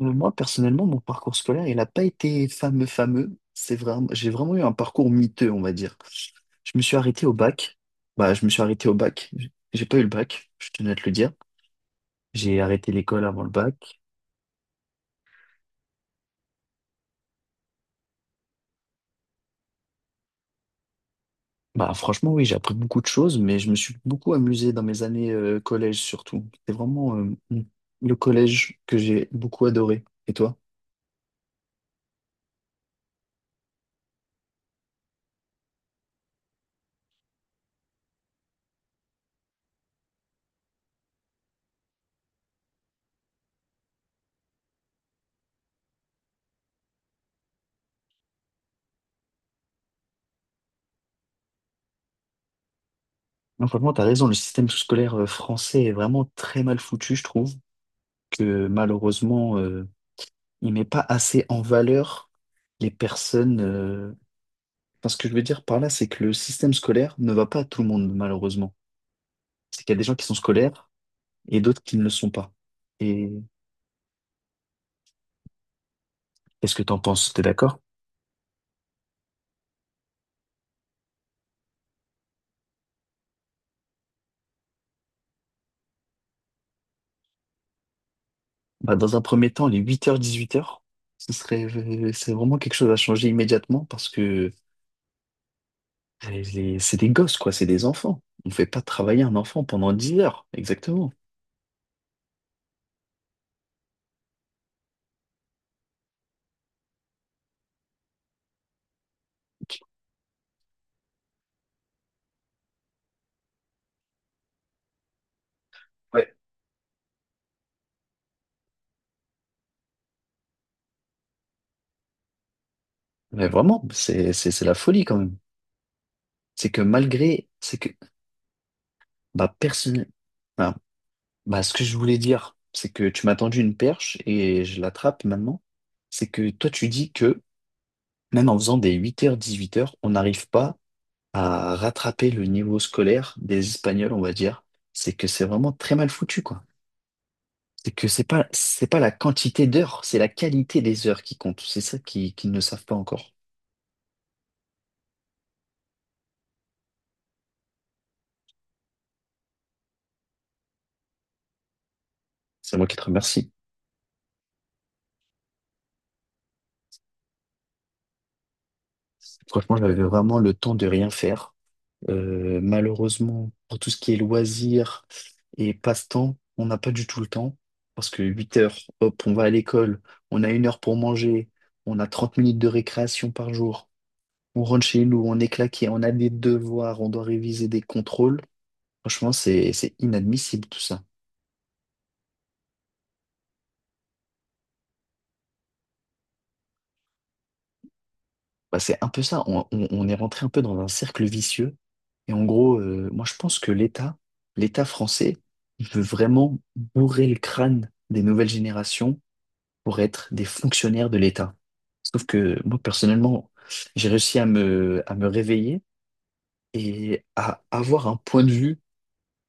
Moi, personnellement, mon parcours scolaire, il n'a pas été fameux, fameux. J'ai vraiment eu un parcours miteux, on va dire. Je me suis arrêté au bac. Bah, je me suis arrêté au bac. J'ai pas eu le bac, je tenais à te le dire. J'ai arrêté l'école avant le bac. Bah, franchement, oui, j'ai appris beaucoup de choses, mais je me suis beaucoup amusé dans mes années collège surtout. C'est vraiment le collège que j'ai beaucoup adoré. Et toi? Non, franchement, t'as raison, le système scolaire français est vraiment très mal foutu, je trouve, que malheureusement, il met pas assez en valeur les personnes. Enfin, ce que je veux dire par là, c'est que le système scolaire ne va pas à tout le monde, malheureusement. C'est qu'il y a des gens qui sont scolaires et d'autres qui ne le sont pas. Et qu'est-ce que t'en penses? T'es d'accord? Bah, dans un premier temps, les 8h-18h ce serait, c'est vraiment quelque chose à changer immédiatement parce que c'est des gosses, quoi, c'est des enfants. On ne fait pas travailler un enfant pendant 10 heures, exactement. Ouais. Mais vraiment, c'est la folie quand même. C'est que malgré, c'est que Bah, personne... Alors, bah, ce que je voulais dire, c'est que tu m'as tendu une perche et je l'attrape maintenant. C'est que toi, tu dis que même en faisant des 8h-18h on n'arrive pas à rattraper le niveau scolaire des Espagnols, on va dire. C'est que c'est vraiment très mal foutu, quoi. C'est que c'est pas la quantité d'heures, c'est la qualité des heures qui compte. C'est ça qui- qu'ils ne savent pas encore. C'est moi qui te remercie. Franchement, j'avais vraiment le temps de rien faire. Malheureusement, pour tout ce qui est loisirs et passe-temps, on n'a pas du tout le temps. Parce que 8 heures, hop, on va à l'école, on a 1 heure pour manger, on a 30 minutes de récréation par jour, on rentre chez nous, on est claqué, on a des devoirs, on doit réviser des contrôles. Franchement, c'est inadmissible tout ça. Bah, c'est un peu ça, on est rentré un peu dans un cercle vicieux. Et en gros, moi je pense que l'État, l'État français, il veut vraiment bourrer le crâne des nouvelles générations pour être des fonctionnaires de l'État. Sauf que moi, personnellement, j'ai réussi à me réveiller et à avoir un point de vue,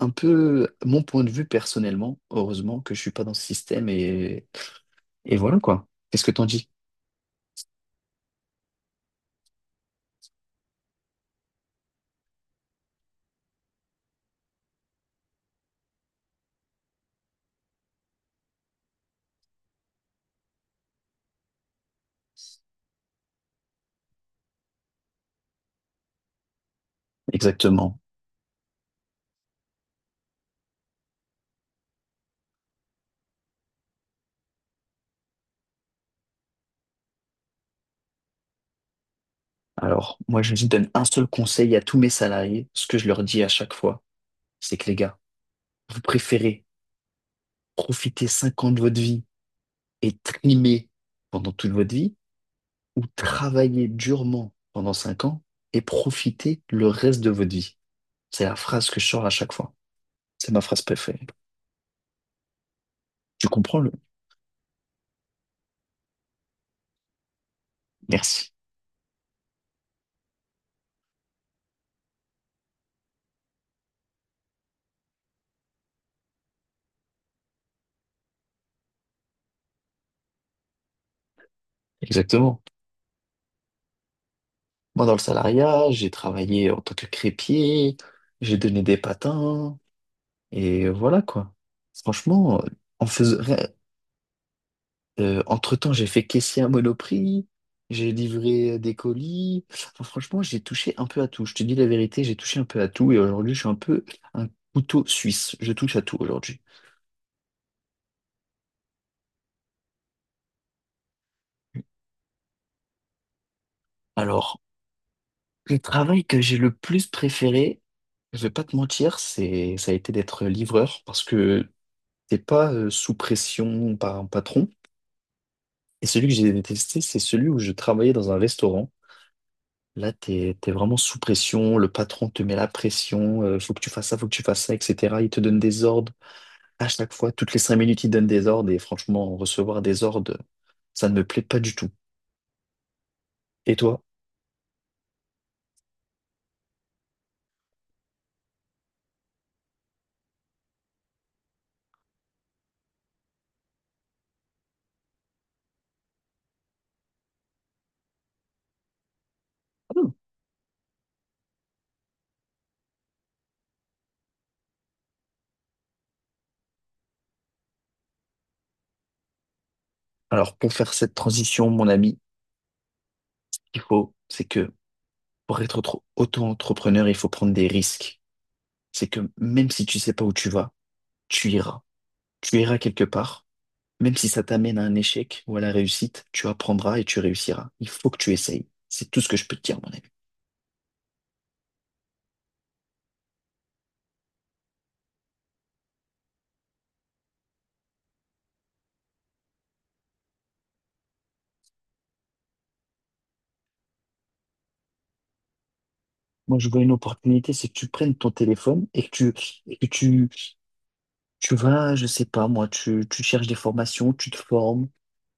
un peu mon point de vue personnellement. Heureusement que je suis pas dans ce système et voilà quoi. Qu'est-ce que t'en dis? Exactement. Alors, moi, je donne un seul conseil à tous mes salariés. Ce que je leur dis à chaque fois, c'est que les gars, vous préférez profiter 5 ans de votre vie et trimer pendant toute votre vie ou travailler durement pendant 5 ans et profiter le reste de votre vie. C'est la phrase que je sors à chaque fois. C'est ma phrase préférée. Tu comprends le? Merci. Exactement. Moi, dans le salariat, j'ai travaillé en tant que crépier, j'ai donné des patins, et voilà quoi. Franchement, on faisait... Entre-temps, j'ai fait caissier à Monoprix, j'ai livré des colis. Enfin, franchement, j'ai touché un peu à tout. Je te dis la vérité, j'ai touché un peu à tout et aujourd'hui, je suis un peu un couteau suisse. Je touche à tout aujourd'hui. Alors, le travail que j'ai le plus préféré, je vais pas te mentir, c'est ça a été d'être livreur parce que t'es pas sous pression par un patron. Et celui que j'ai détesté, c'est celui où je travaillais dans un restaurant. Là, t'es vraiment sous pression, le patron te met la pression, faut que tu fasses ça, faut que tu fasses ça, etc. Il te donne des ordres à chaque fois, toutes les 5 minutes, il te donne des ordres et franchement, recevoir des ordres, ça ne me plaît pas du tout. Et toi? Hmm. Alors, pour faire cette transition, mon ami, il faut, c'est que pour être auto-entrepreneur, il faut prendre des risques. C'est que même si tu sais pas où tu vas, tu iras. Tu iras quelque part. Même si ça t'amène à un échec ou à la réussite, tu apprendras et tu réussiras. Il faut que tu essayes. C'est tout ce que je peux te dire, mon ami. Moi, je vois une opportunité, c'est que tu prennes ton téléphone et tu vas, je sais pas, moi, tu cherches des formations, tu te formes,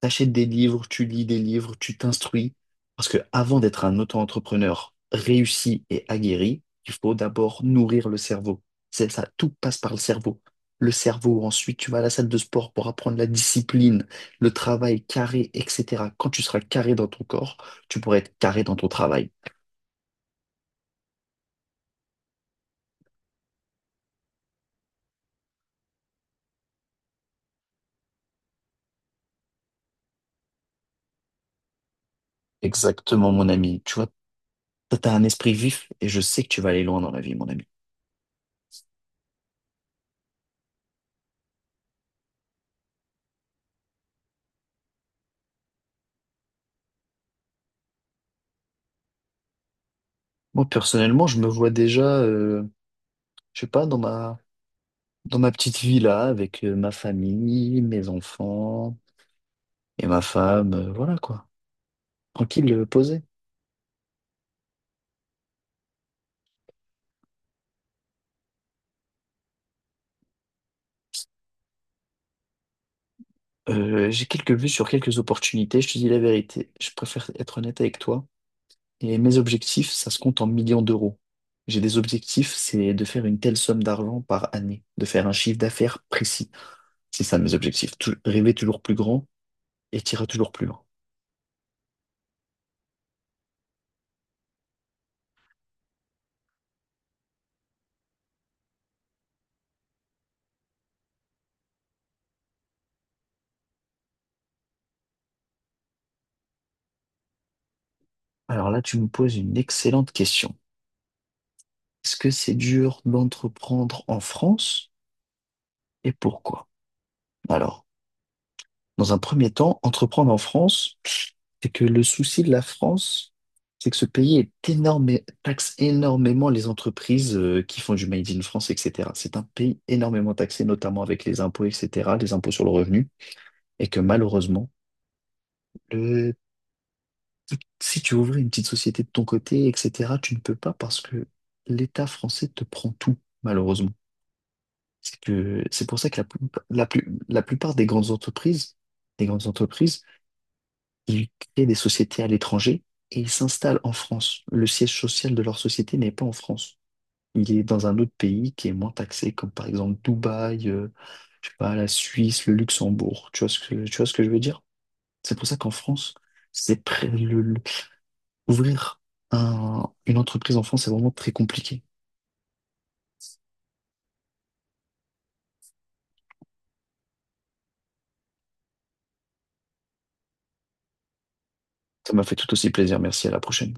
t'achètes des livres, tu lis des livres, tu t'instruis. Parce que avant d'être un auto-entrepreneur réussi et aguerri, il faut d'abord nourrir le cerveau. C'est ça, tout passe par le cerveau. Le cerveau, ensuite, tu vas à la salle de sport pour apprendre la discipline, le travail carré, etc. Quand tu seras carré dans ton corps, tu pourras être carré dans ton travail. Exactement, mon ami. Tu vois, toi, t'as un esprit vif et je sais que tu vas aller loin dans la vie, mon ami. Moi, personnellement, je me vois déjà, je sais pas, dans ma petite villa avec ma famille, mes enfants et ma femme, voilà quoi. Tranquille, posé. J'ai quelques vues sur quelques opportunités, je te dis la vérité. Je préfère être honnête avec toi. Et mes objectifs, ça se compte en millions d'euros. J'ai des objectifs, c'est de faire une telle somme d'argent par année, de faire un chiffre d'affaires précis. C'est ça mes objectifs. Rêver toujours plus grand et t'iras toujours plus loin. Alors là, tu me poses une excellente question. Est-ce que c'est dur d'entreprendre en France et pourquoi? Alors, dans un premier temps, entreprendre en France, c'est que le souci de la France, c'est que ce pays est énorme, taxe énormément les entreprises qui font du Made in France, etc. C'est un pays énormément taxé, notamment avec les impôts, etc., les impôts sur le revenu, et que malheureusement, le- si tu ouvrais une petite société de ton côté, etc., tu ne peux pas parce que l'État français te prend tout, malheureusement. C'est que, c'est pour ça que la plupart des grandes entreprises ils créent des sociétés à l'étranger et ils s'installent en France. Le siège social de leur société n'est pas en France. Il est dans un autre pays qui est moins taxé, comme par exemple Dubaï, je sais pas, la Suisse, le Luxembourg. Tu vois ce que, tu vois ce que je veux dire? C'est pour ça qu'en France, c'est pré- le- ouvrir une entreprise en France, c'est vraiment très compliqué. Ça m'a fait tout aussi plaisir. Merci, à la prochaine.